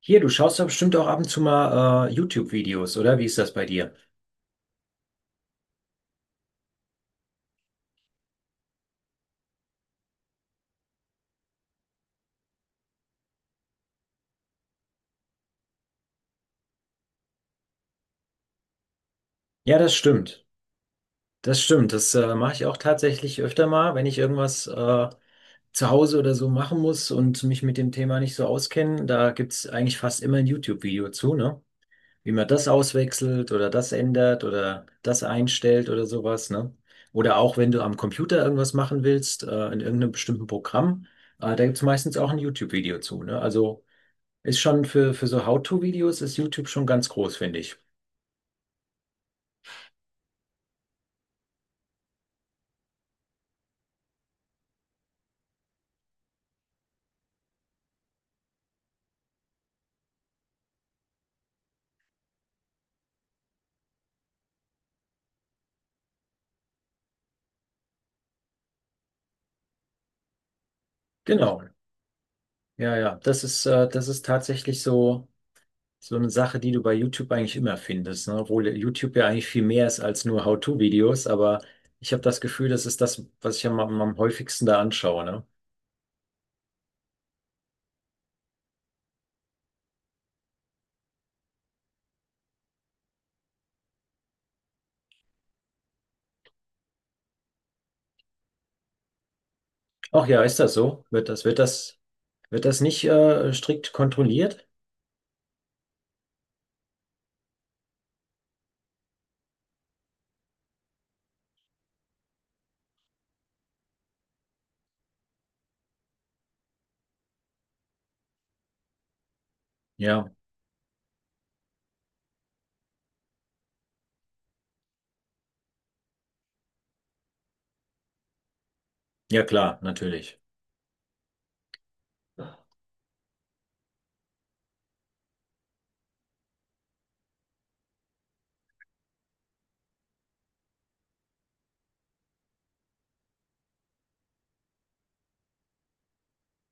Hier, du schaust doch bestimmt auch ab und zu mal YouTube-Videos, oder? Wie ist das bei dir? Ja, das stimmt. Das stimmt. Das mache ich auch tatsächlich öfter mal, wenn ich irgendwas zu Hause oder so machen muss und mich mit dem Thema nicht so auskenne. Da gibt es eigentlich fast immer ein YouTube-Video zu, ne? Wie man das auswechselt oder das ändert oder das einstellt oder sowas, ne? Oder auch wenn du am Computer irgendwas machen willst, in irgendeinem bestimmten Programm, da gibt es meistens auch ein YouTube-Video zu, ne? Also. Ist schon für so How-to-Videos ist YouTube schon ganz groß, finde ich. Genau. Ja, ja. Das ist tatsächlich so, so eine Sache, die du bei YouTube eigentlich immer findest, ne? Obwohl YouTube ja eigentlich viel mehr ist als nur How-to-Videos, aber ich habe das Gefühl, das ist das, was ich am häufigsten da anschaue, ne? Ach ja, ist das so? Wird das nicht, strikt kontrolliert? Ja. Ja, klar, natürlich.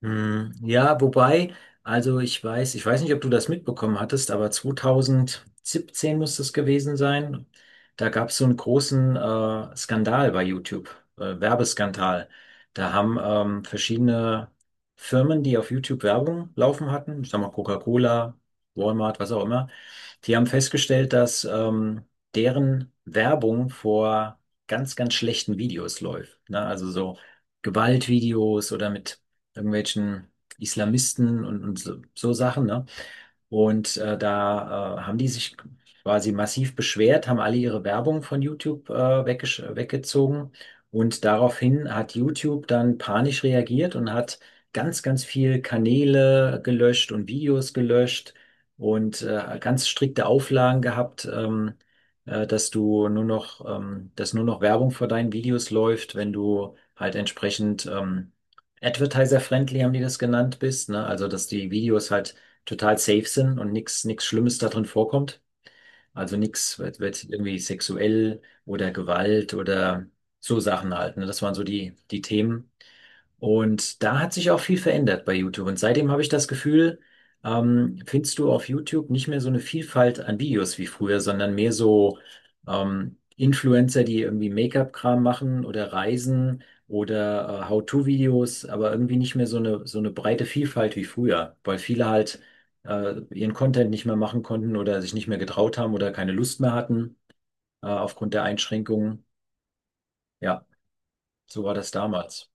Hm, ja, wobei, ich weiß nicht, ob du das mitbekommen hattest, aber 2017 muss es gewesen sein. Da gab es so einen großen Skandal bei YouTube, Werbeskandal. Da haben verschiedene Firmen, die auf YouTube Werbung laufen hatten, ich sag mal Coca-Cola, Walmart, was auch immer, die haben festgestellt, dass deren Werbung vor ganz, ganz schlechten Videos läuft. Ne? Also so Gewaltvideos oder mit irgendwelchen Islamisten und so, so Sachen, ne? Und da haben die sich quasi massiv beschwert, haben alle ihre Werbung von YouTube weggezogen. Und daraufhin hat YouTube dann panisch reagiert und hat ganz, ganz viel Kanäle gelöscht und Videos gelöscht und ganz strikte Auflagen gehabt, dass du nur noch, dass nur noch Werbung vor deinen Videos läuft, wenn du halt entsprechend Advertiser-friendly haben die das genannt bist, ne? Also, dass die Videos halt total safe sind und nichts Schlimmes da drin vorkommt. Also nichts wird, wird irgendwie sexuell oder Gewalt oder so Sachen halt, ne? Das waren so die Themen. Und da hat sich auch viel verändert bei YouTube. Und seitdem habe ich das Gefühl, findest du auf YouTube nicht mehr so eine Vielfalt an Videos wie früher, sondern mehr so Influencer, die irgendwie Make-up-Kram machen oder Reisen oder How-to-Videos, aber irgendwie nicht mehr so eine breite Vielfalt wie früher, weil viele halt ihren Content nicht mehr machen konnten oder sich nicht mehr getraut haben oder keine Lust mehr hatten aufgrund der Einschränkungen. Ja, so war das damals.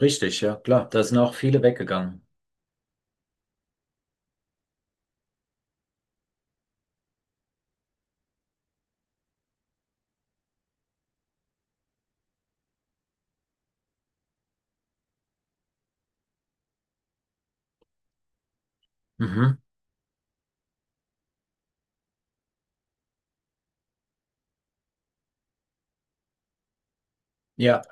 Richtig, ja, klar. Da sind auch viele weggegangen. Mhm. Ja.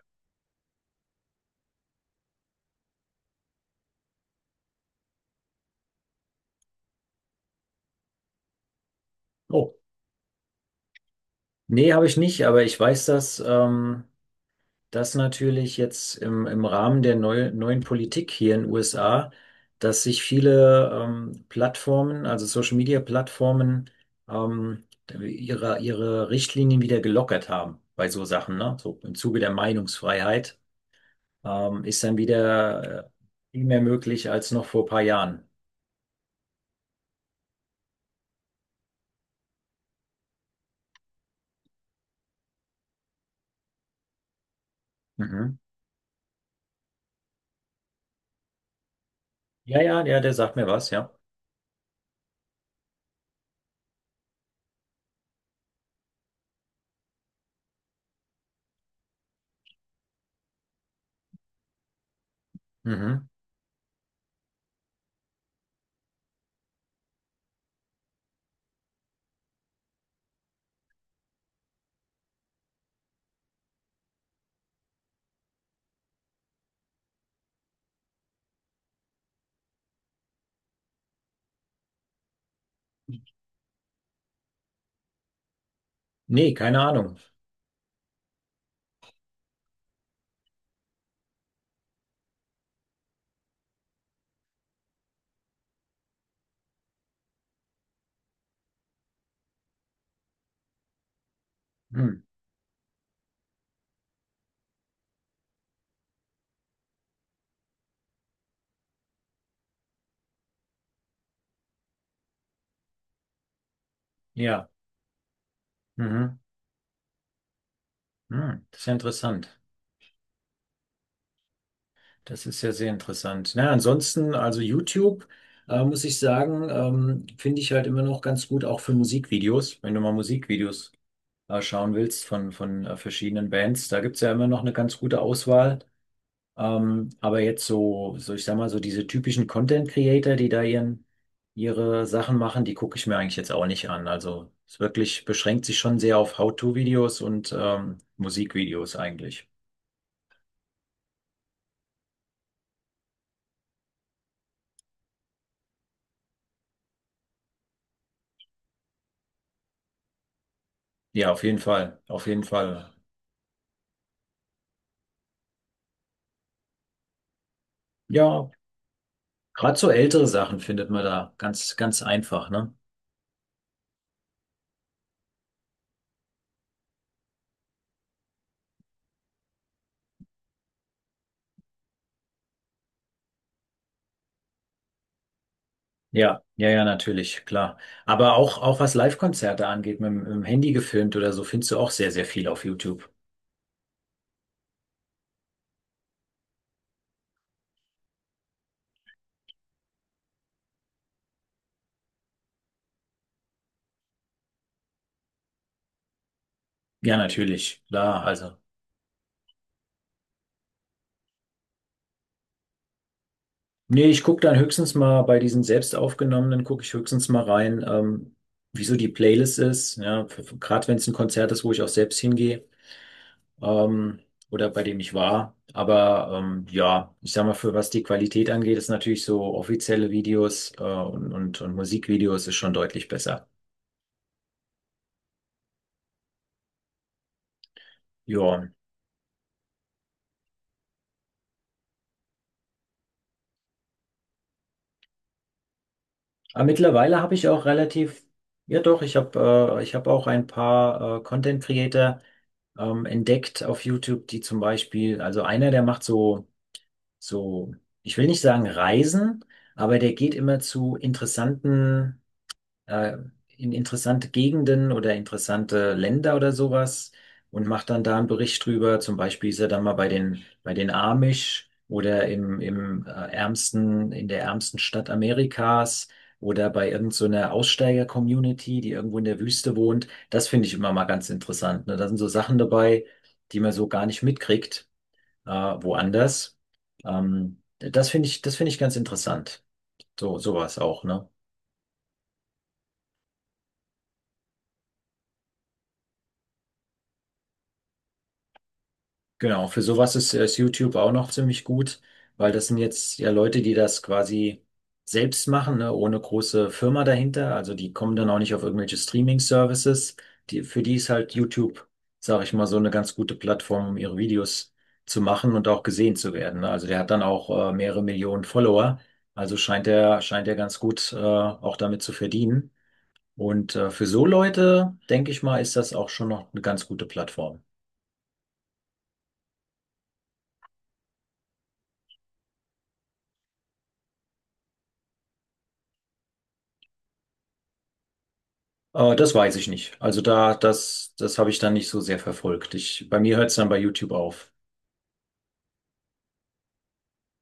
Oh. Nee, habe ich nicht, aber ich weiß, dass das natürlich jetzt im Rahmen der neuen Politik hier in den USA, dass sich viele Plattformen, also Social Media Plattformen, ähm, ihre Richtlinien wieder gelockert haben bei so Sachen, ne? So im Zuge der Meinungsfreiheit ist dann wieder viel mehr möglich als noch vor ein paar Jahren. Mhm. Ja, ja, ja, der sagt mir was, ja. Mhm. Nee, keine Ahnung. Hm. Ja. Mhm. Hm, das ist ja interessant. Das ist ja sehr interessant. Na, ansonsten, also YouTube, muss ich sagen, finde ich halt immer noch ganz gut, auch für Musikvideos. Wenn du mal Musikvideos schauen willst von verschiedenen Bands, da gibt's ja immer noch eine ganz gute Auswahl. Aber jetzt ich sag mal, so diese typischen Content Creator, ihre Sachen machen, die gucke ich mir eigentlich jetzt auch nicht an. Also es wirklich beschränkt sich schon sehr auf How-to-Videos und Musikvideos eigentlich. Ja, auf jeden Fall, auf jeden Fall. Ja, gerade so ältere Sachen findet man da ganz, ganz einfach, ne? Ja, ja, ja, natürlich, klar. Aber auch was Live-Konzerte angeht, mit dem Handy gefilmt oder so, findest du auch sehr, sehr viel auf YouTube. Ja, natürlich, klar, also. Nee, ich gucke dann höchstens mal bei diesen selbst aufgenommenen, gucke ich höchstens mal rein, wieso die Playlist ist, ja, gerade wenn es ein Konzert ist, wo ich auch selbst hingehe. Ähm, oder bei dem ich war. Aber ja, ich sag mal, für was die Qualität angeht, ist natürlich so offizielle Videos und Musikvideos ist schon deutlich besser. Ja. Aber mittlerweile habe ich auch relativ, ja doch, ich habe auch ein paar Content Creator entdeckt auf YouTube, die zum Beispiel, also einer, der macht so, ich will nicht sagen Reisen, aber der geht immer zu interessanten äh, in interessante Gegenden oder interessante Länder oder sowas und macht dann da einen Bericht drüber. Zum Beispiel ist er dann mal bei den Amish oder in der ärmsten Stadt Amerikas oder bei irgendeiner so Aussteiger-Community, die irgendwo in der Wüste wohnt. Das finde ich immer mal ganz interessant. Ne? Da sind so Sachen dabei, die man so gar nicht mitkriegt, woanders. Das finde ich ganz interessant. So, sowas auch, ne? Genau, für sowas ist YouTube auch noch ziemlich gut, weil das sind jetzt ja Leute, die das quasi selbst machen, ne, ohne große Firma dahinter. Also die kommen dann auch nicht auf irgendwelche Streaming-Services. Die, für die ist halt YouTube, sage ich mal, so eine ganz gute Plattform, um ihre Videos zu machen und auch gesehen zu werden. Ne? Also der hat dann auch mehrere Millionen Follower. Also scheint er ganz gut auch damit zu verdienen. Und für so Leute, denke ich mal, ist das auch schon noch eine ganz gute Plattform. Das weiß ich nicht. Also das habe ich dann nicht so sehr verfolgt. Ich, bei mir hört es dann bei YouTube auf.